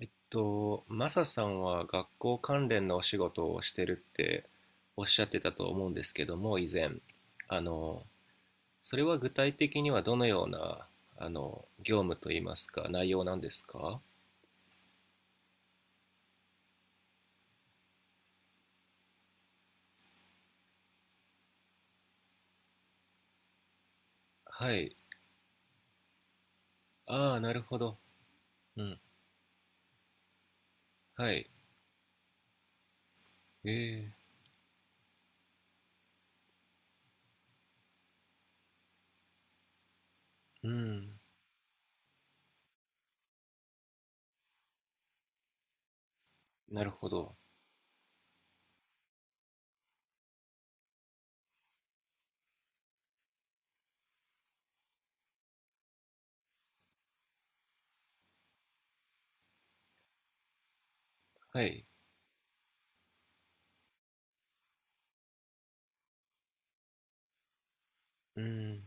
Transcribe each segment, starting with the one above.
マサさんは学校関連のお仕事をしてるっておっしゃってたと思うんですけども、以前。あの、それは具体的にはどのような、業務といいますか、内容なんですか？はい。ああ、なるほど。うん。はい。ええ、うん。なるほど。はい。うん。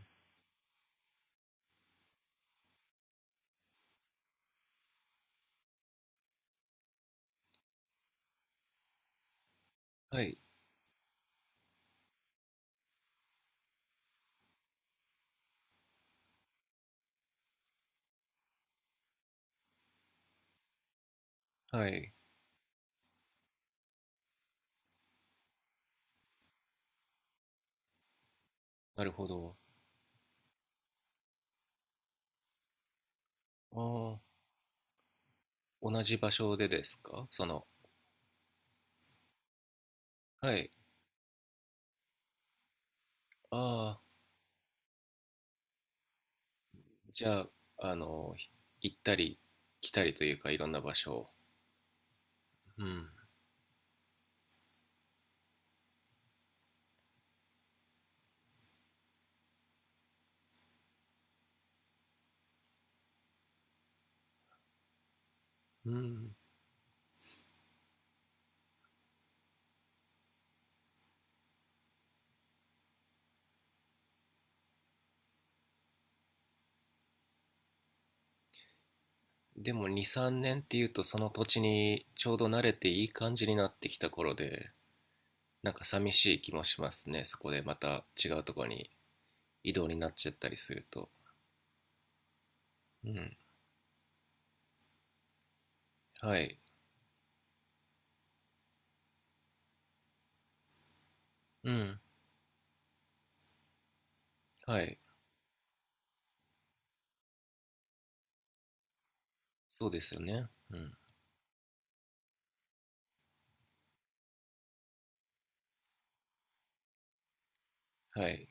はい。はい。なるほど。ああ、同じ場所でですか、その、はい。ああ、じゃあ、あの、行ったり来たりというか、いろんな場所を。うん。うん。でも2、3年っていうと、その土地にちょうど慣れていい感じになってきた頃で、なんか寂しい気もしますね。そこでまた違うところに移動になっちゃったりすると。うん。はい。うん。はい。そうですよね。うん。はい。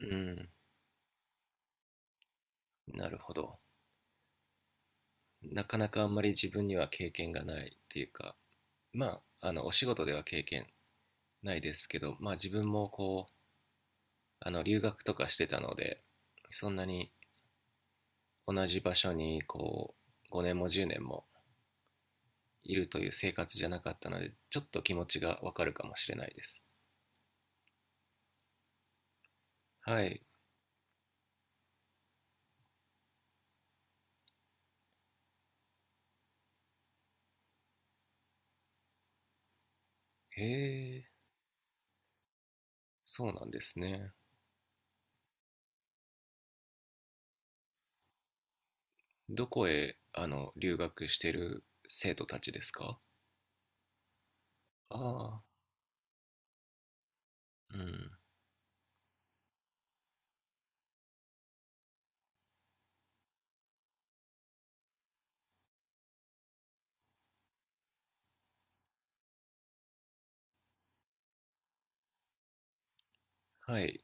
うん。なるほど。なかなかあんまり自分には経験がないっていうか、まあ、お仕事では経験ないですけど、まあ自分もあの留学とかしてたので、そんなに同じ場所にこう5年も10年もいるという生活じゃなかったので、ちょっと気持ちがわかるかもしれないです。はい。へえ。そうなんですね。どこへあの留学してる生徒たちですか？ああ。ーうん。はい。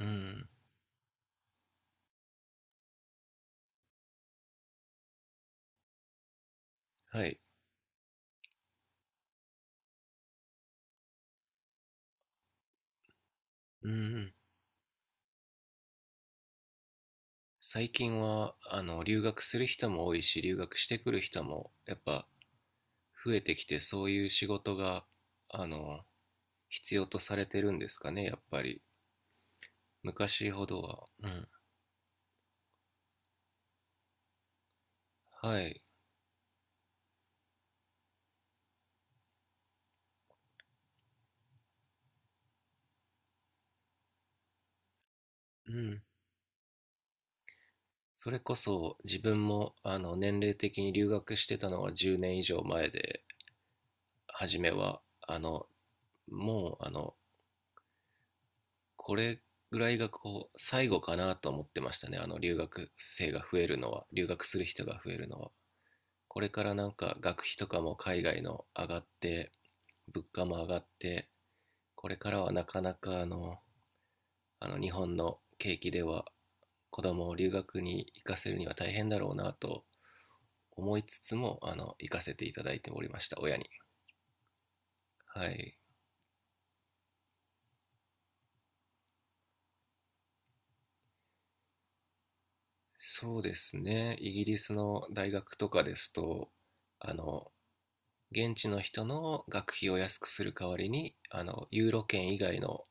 うん。はい。うん。最近はあの留学する人も多いし、留学してくる人もやっぱ増えてきて、そういう仕事があの必要とされてるんですかね、やっぱり。昔ほどは。うん。はい。うん。それこそ自分もあの年齢的に留学してたのは10年以上前で、初めは、あの、もう、あの、これぐらいがこう、最後かなと思ってましたね。留学生が増えるのは、留学する人が増えるのは。これからなんか学費とかも海外の上がって、物価も上がって、これからはなかなかあの日本の景気では子供を留学に行かせるには大変だろうなと思いつつも、行かせていただいておりました、親に。はい。そうですね。イギリスの大学とかですと、あの、現地の人の学費を安くする代わりに、ユーロ圏以外の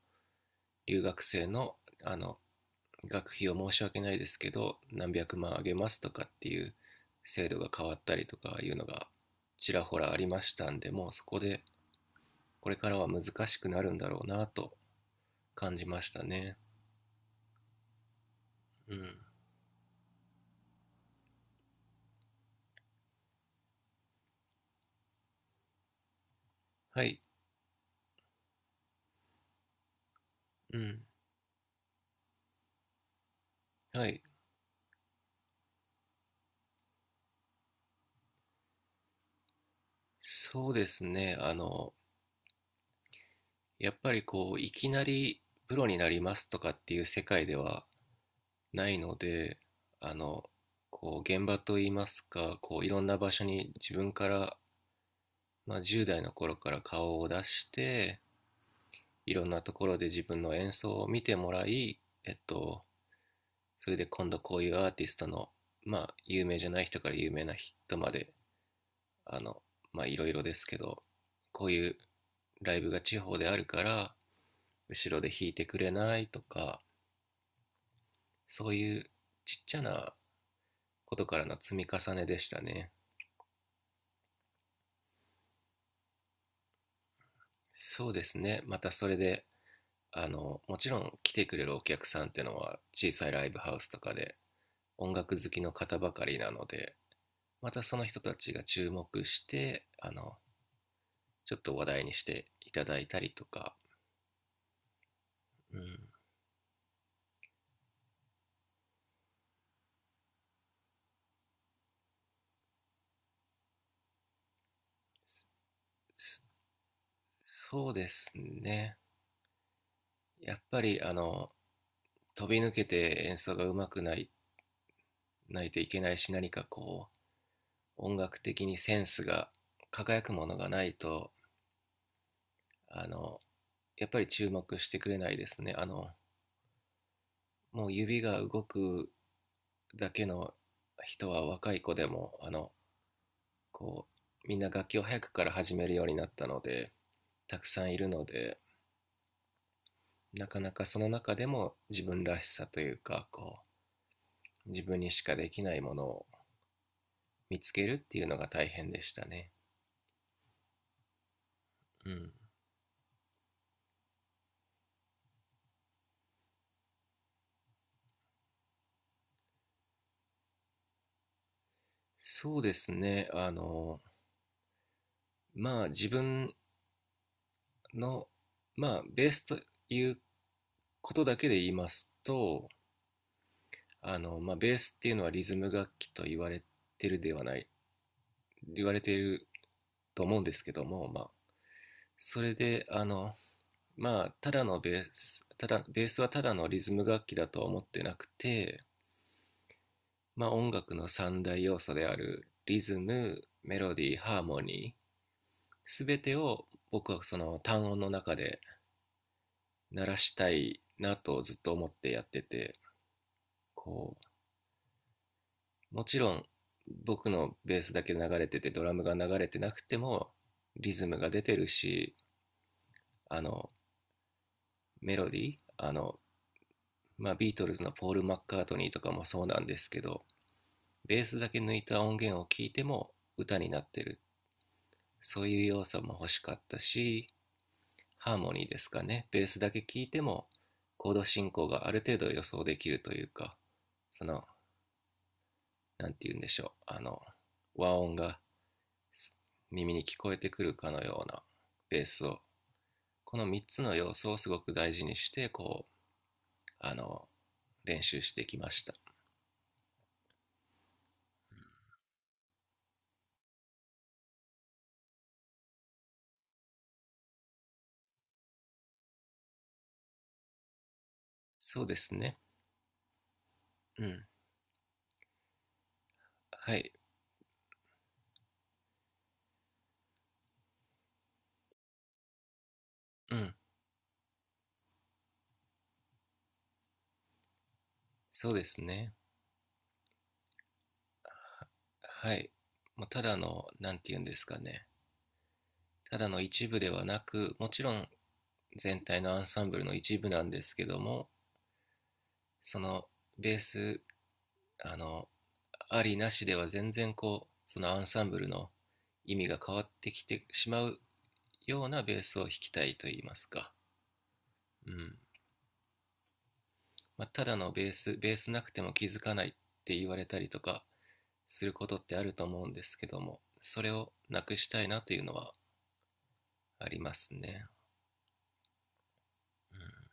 留学生の、あの、学費を申し訳ないですけど、何百万あげますとかっていう制度が変わったりとかいうのがちらほらありましたんで、もうそこでこれからは難しくなるんだろうなと感じましたね。うん。はい。うん。はい。そうですね。やっぱりこう、いきなりプロになりますとかっていう世界ではないので、あの、こう、現場といいますか、こう、いろんな場所に自分から、まあ、10代の頃から顔を出して、いろんなところで自分の演奏を見てもらい、えっと、それで今度こういうアーティストの、まあ、有名じゃない人から有名な人まであの、まあいろいろですけど、こういうライブが地方であるから、後ろで弾いてくれないとか、そういうちっちゃなことからの積み重ねでしたね。そうですね。またそれで、もちろん来てくれるお客さんっていうのは小さいライブハウスとかで音楽好きの方ばかりなので、またその人たちが注目して、ちょっと話題にしていただいたりとか、うん、そうですね。やっぱりあの飛び抜けて演奏がうまくないといけないし、何かこう音楽的にセンスが輝くものがないと、あのやっぱり注目してくれないですね。あのもう指が動くだけの人は若い子でも、あのこうみんな楽器を早くから始めるようになったのでたくさんいるので、なかなかその中でも自分らしさというか、こう自分にしかできないものを見つけるっていうのが大変でしたね。うん、そうですね。まあ自分の、まあベースということだけで言いますと、まあベースっていうのはリズム楽器とてるではない、言われていると思うんですけども、まあそれで、まあただのベース、ただ、ベースはただのリズム楽器だとは思ってなくて、まあ音楽の三大要素であるリズム、メロディー、ハーモニー、すべてを僕はその単音の中で鳴らしたいなとずっと思ってやってて、こうもちろん僕のベースだけ流れててドラムが流れてなくてもリズムが出てるし、あのメロディー、あの、まあ、ビートルズのポール・マッカートニーとかもそうなんですけど、ベースだけ抜いた音源を聞いても歌になってる、そういう要素も欲しかったし、ハーモニーですかね、ベースだけ聞いてもコード進行がある程度予想できるというか、その、なんて言うんでしょう、和音が耳に聞こえてくるかのようなベースを、この3つの要素をすごく大事にして、こう、あの、練習してきました。そうですね。うん。はい。うん。そうですね。はい。もうただの、なんて言うんですかね。ただの一部ではなく、もちろん全体のアンサンブルの一部なんですけども、そのベース、あの、ありなしでは全然こうそのアンサンブルの意味が変わってきてしまうようなベースを弾きたいと言いますか、うん、まあ、ただのベースベースなくても気づかないって言われたりとかすることってあると思うんですけども、それをなくしたいなというのはありますね、うん、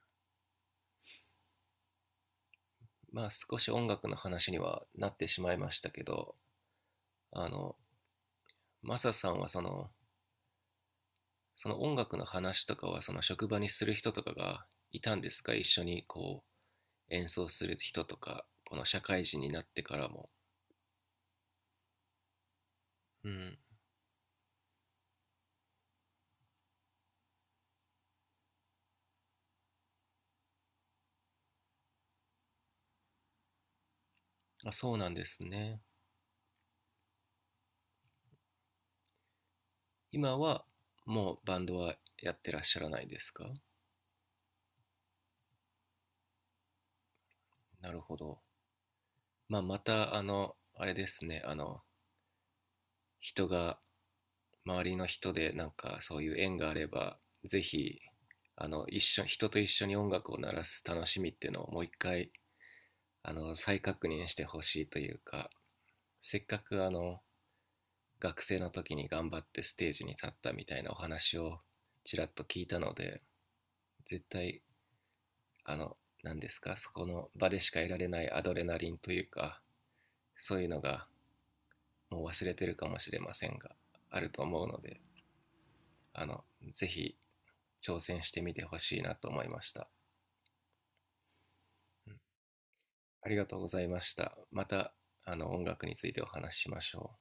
まあ少し音楽の話にはなってしまいましたけど、あのマサさんはその音楽の話とかはその職場にする人とかがいたんですか、一緒に演奏する人とか、この社会人になってからも、うん、あ、そうなんですね。今はもうバンドはやってらっしゃらないですか？なるほど、まあ、またあのあれですね、あの人が周りの人でなんかそういう縁があればぜひあの人と一緒に音楽を鳴らす楽しみっていうのをもう一回あの再確認してほしいというか、せっかくあの学生の時に頑張ってステージに立ったみたいなお話をちらっと聞いたので、絶対あの何ですか、そこの場でしか得られないアドレナリンというか、そういうのがもう忘れてるかもしれませんがあると思うので、あのぜひ挑戦してみてほしいなと思いました。ありがとうございました。また、あの音楽についてお話ししましょう。